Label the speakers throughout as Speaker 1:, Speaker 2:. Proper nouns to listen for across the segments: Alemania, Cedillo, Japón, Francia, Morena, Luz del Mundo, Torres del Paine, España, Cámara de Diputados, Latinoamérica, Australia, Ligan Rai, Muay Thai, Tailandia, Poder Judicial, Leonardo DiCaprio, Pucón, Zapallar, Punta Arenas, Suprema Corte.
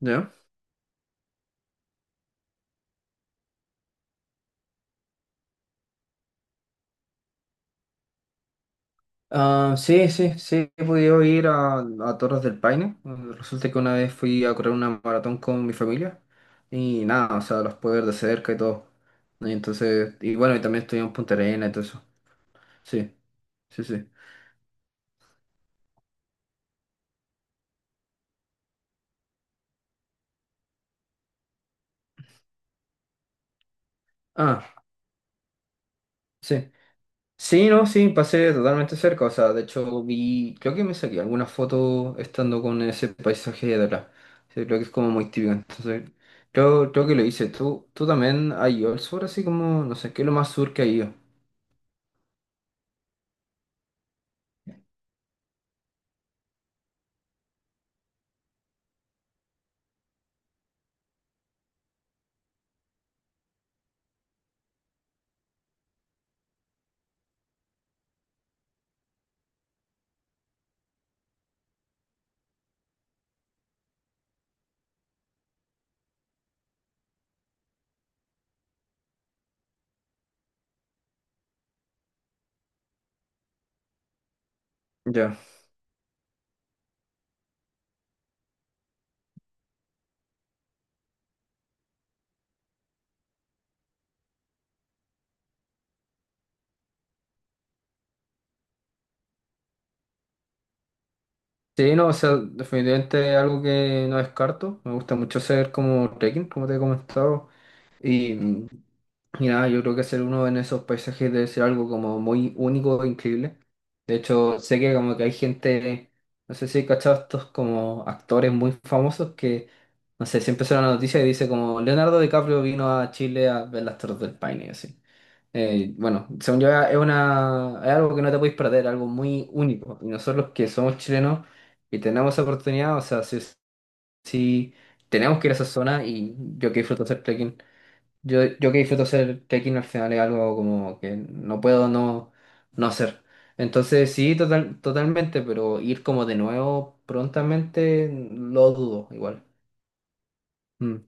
Speaker 1: ¿Ya? Ah, sí, sí, sí, he podido ir a Torres del Paine. Resulta que una vez fui a correr una maratón con mi familia y nada, o sea, los pude ver de cerca y todo. Y entonces, y bueno, y también estoy en Punta Arenas y todo eso. Sí, sí, sí. Ah, sí. Sí, no, sí, pasé totalmente cerca. O sea, de hecho vi, creo que me saqué algunas fotos estando con ese paisaje de atrás. Sí, creo que es como muy típico. Entonces, creo que lo hice. ¿Tú también has ido al sur, así como, no sé, qué es lo más sur que has ido? Ya. Sí, no, o sea, definitivamente es algo que no descarto. Me gusta mucho hacer como trekking, como te he comentado. Y mira, yo creo que ser uno en esos paisajes debe ser algo como muy único e increíble. De hecho, sé que como que hay gente, no sé si he cachado estos como actores muy famosos que, no sé, siempre sale una noticia y dice como Leonardo DiCaprio vino a Chile a ver las Torres del Paine y así. Bueno, según yo es una, es algo que no te podéis perder, algo muy único. Y nosotros que somos chilenos y tenemos esa oportunidad, o sea, sí, sí tenemos que ir a esa zona y yo que disfruto hacer trekking. Yo que disfruto hacer trekking al final es algo como que no puedo no, no hacer. Entonces sí, totalmente, pero ir como de nuevo prontamente lo dudo igual. Mm.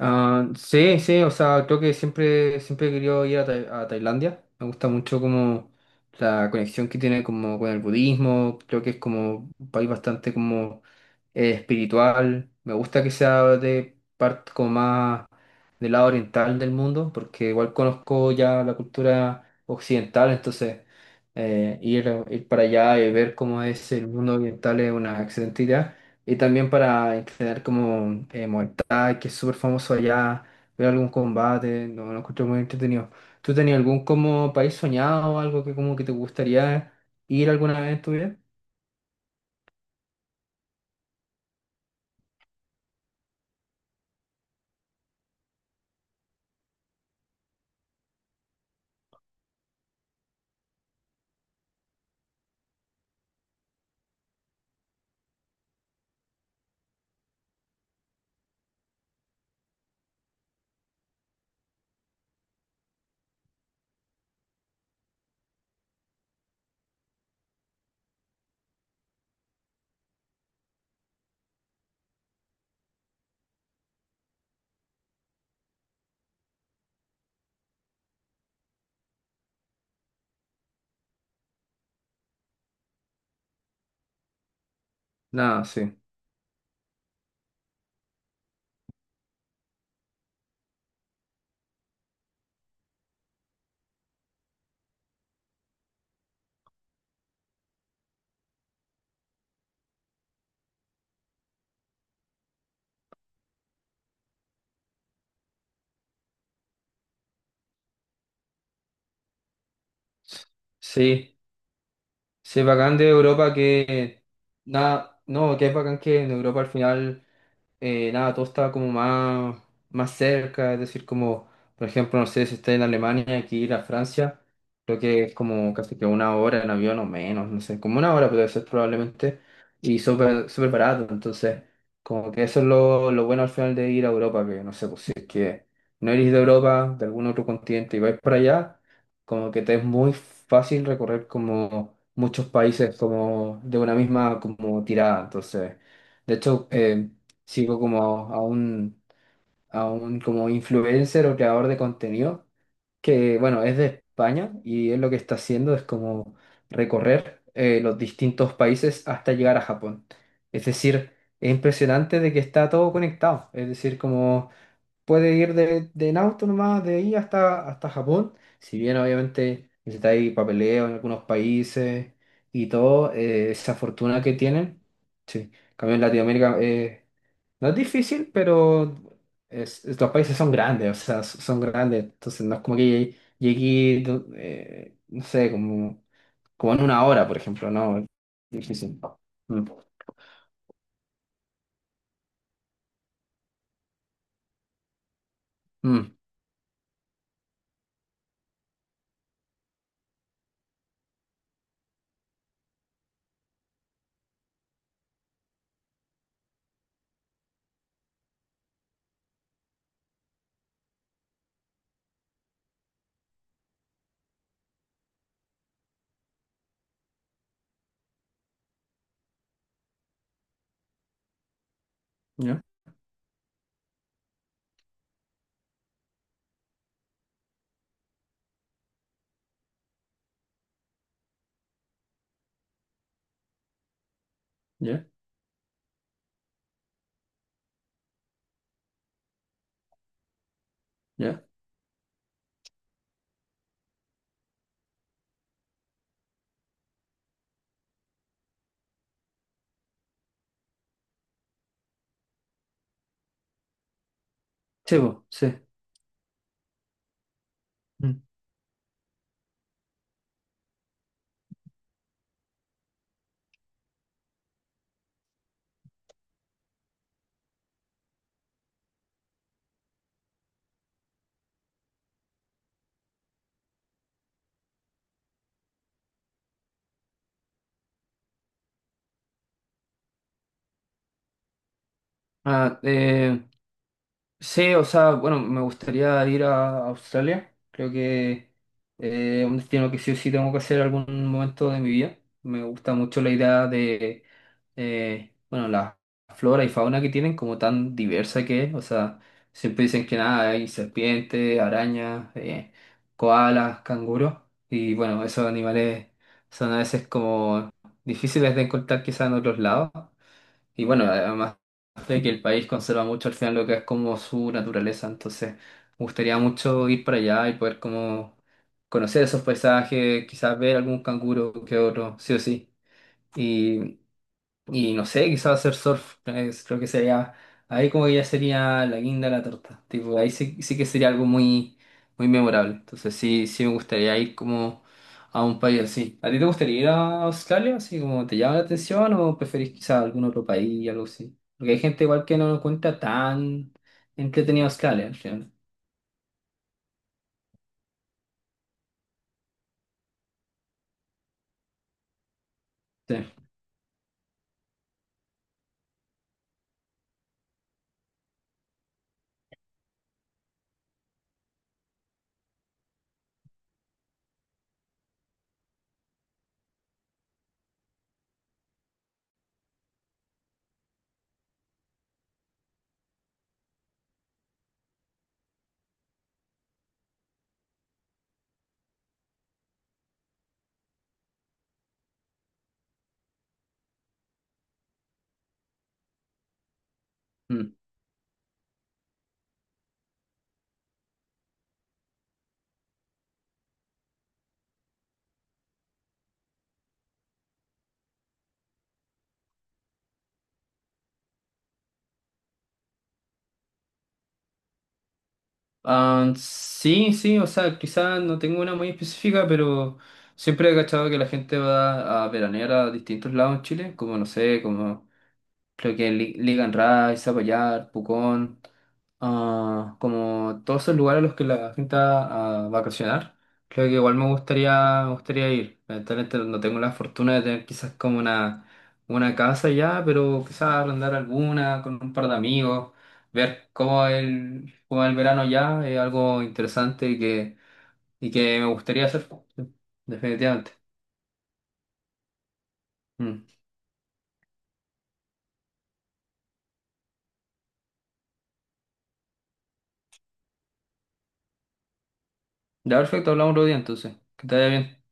Speaker 1: Ah, sí, sí, o sea, creo que siempre he querido ir a, a Tailandia. Me gusta mucho como la conexión que tiene como con el budismo. Creo que es como un país bastante como espiritual. Me gusta que sea de parte como más del lado oriental del mundo, porque igual conozco ya la cultura occidental, entonces ir para allá y ver cómo es el mundo oriental es una excelente idea. Y también para entrenar como Muay Thai, que es súper famoso allá, ver algún combate, no, lo encuentro muy entretenido. ¿Tú tenías algún como país soñado o algo que como que te gustaría ir alguna vez en tu vida? Nada, sí. Sí, sí, bacán de Europa que, nada, no, que es bacán que en Europa al final nada, todo estaba como más, más cerca, es decir, como, por ejemplo, no sé si está en Alemania, aquí ir a Francia, creo que es como casi que una hora en avión o menos, no sé, como una hora puede ser probablemente, y súper súper barato, entonces, como que eso es lo bueno al final de ir a Europa, que no sé, pues si es que no eres de Europa, de algún otro continente y vais para allá, como que te es muy fácil recorrer como muchos países como de una misma como tirada, entonces, de hecho, sigo como a un, a un como influencer o creador de contenido que, bueno, es de España y él lo que está haciendo es como recorrer los distintos países hasta llegar a Japón. Es decir, es impresionante de que está todo conectado. Es decir, como puede ir de en auto nomás, de ahí hasta Japón. Si bien obviamente necesitáis papeleo en algunos países y todo, esa fortuna que tienen. Sí, en cambio en Latinoamérica no es difícil, pero los países son grandes, o sea, son grandes. Entonces no es como que llegué, no sé, como, como en una hora, por ejemplo, no, es difícil. Mm, mm, ya, ya, ya. Sí, po, sí. Mm. Ah, sí, o sea, bueno, me gustaría ir a Australia. Creo que un destino que sí o sí tengo que hacer algún momento de mi vida. Me gusta mucho la idea de, bueno, la flora y fauna que tienen, como tan diversa que es. O sea, siempre dicen que nada, hay serpientes, arañas, koalas, canguros. Y bueno, esos animales son a veces como difíciles de encontrar quizás en otros lados. Y bueno, además de que el país conserva mucho al final lo que es como su naturaleza, entonces me gustaría mucho ir para allá y poder como conocer esos paisajes, quizás ver algún canguro que otro, sí o sí. Y no sé, quizás hacer surf, creo que sería, ahí como que ya sería la guinda de la torta, tipo, ahí sí, sí que sería algo muy, muy memorable. Entonces sí, sí me gustaría ir como a un país así. ¿A ti te gustaría ir a Australia? ¿Así como te llama la atención o preferís quizás algún otro país, algo así? Porque hay gente igual que no lo cuenta tan entretenido Australia, al final. Sí. Mm. Ah, sí, sí, o sea, quizás no tengo una muy específica, pero siempre he cachado que la gente va a veranear a distintos lados en Chile, como no sé, como creo que Ligan Rai, Zapallar, Pucón, ah, como todos esos lugares a los que la gente va a vacacionar, creo que igual me gustaría ir. Lamentablemente no tengo la fortuna de tener quizás como una casa ya, pero quizás arrendar alguna con un par de amigos, ver cómo el verano ya es algo interesante y que me gustaría hacer, definitivamente. Mm. Ya, perfecto, hablamos otro día entonces. Que te vaya bien.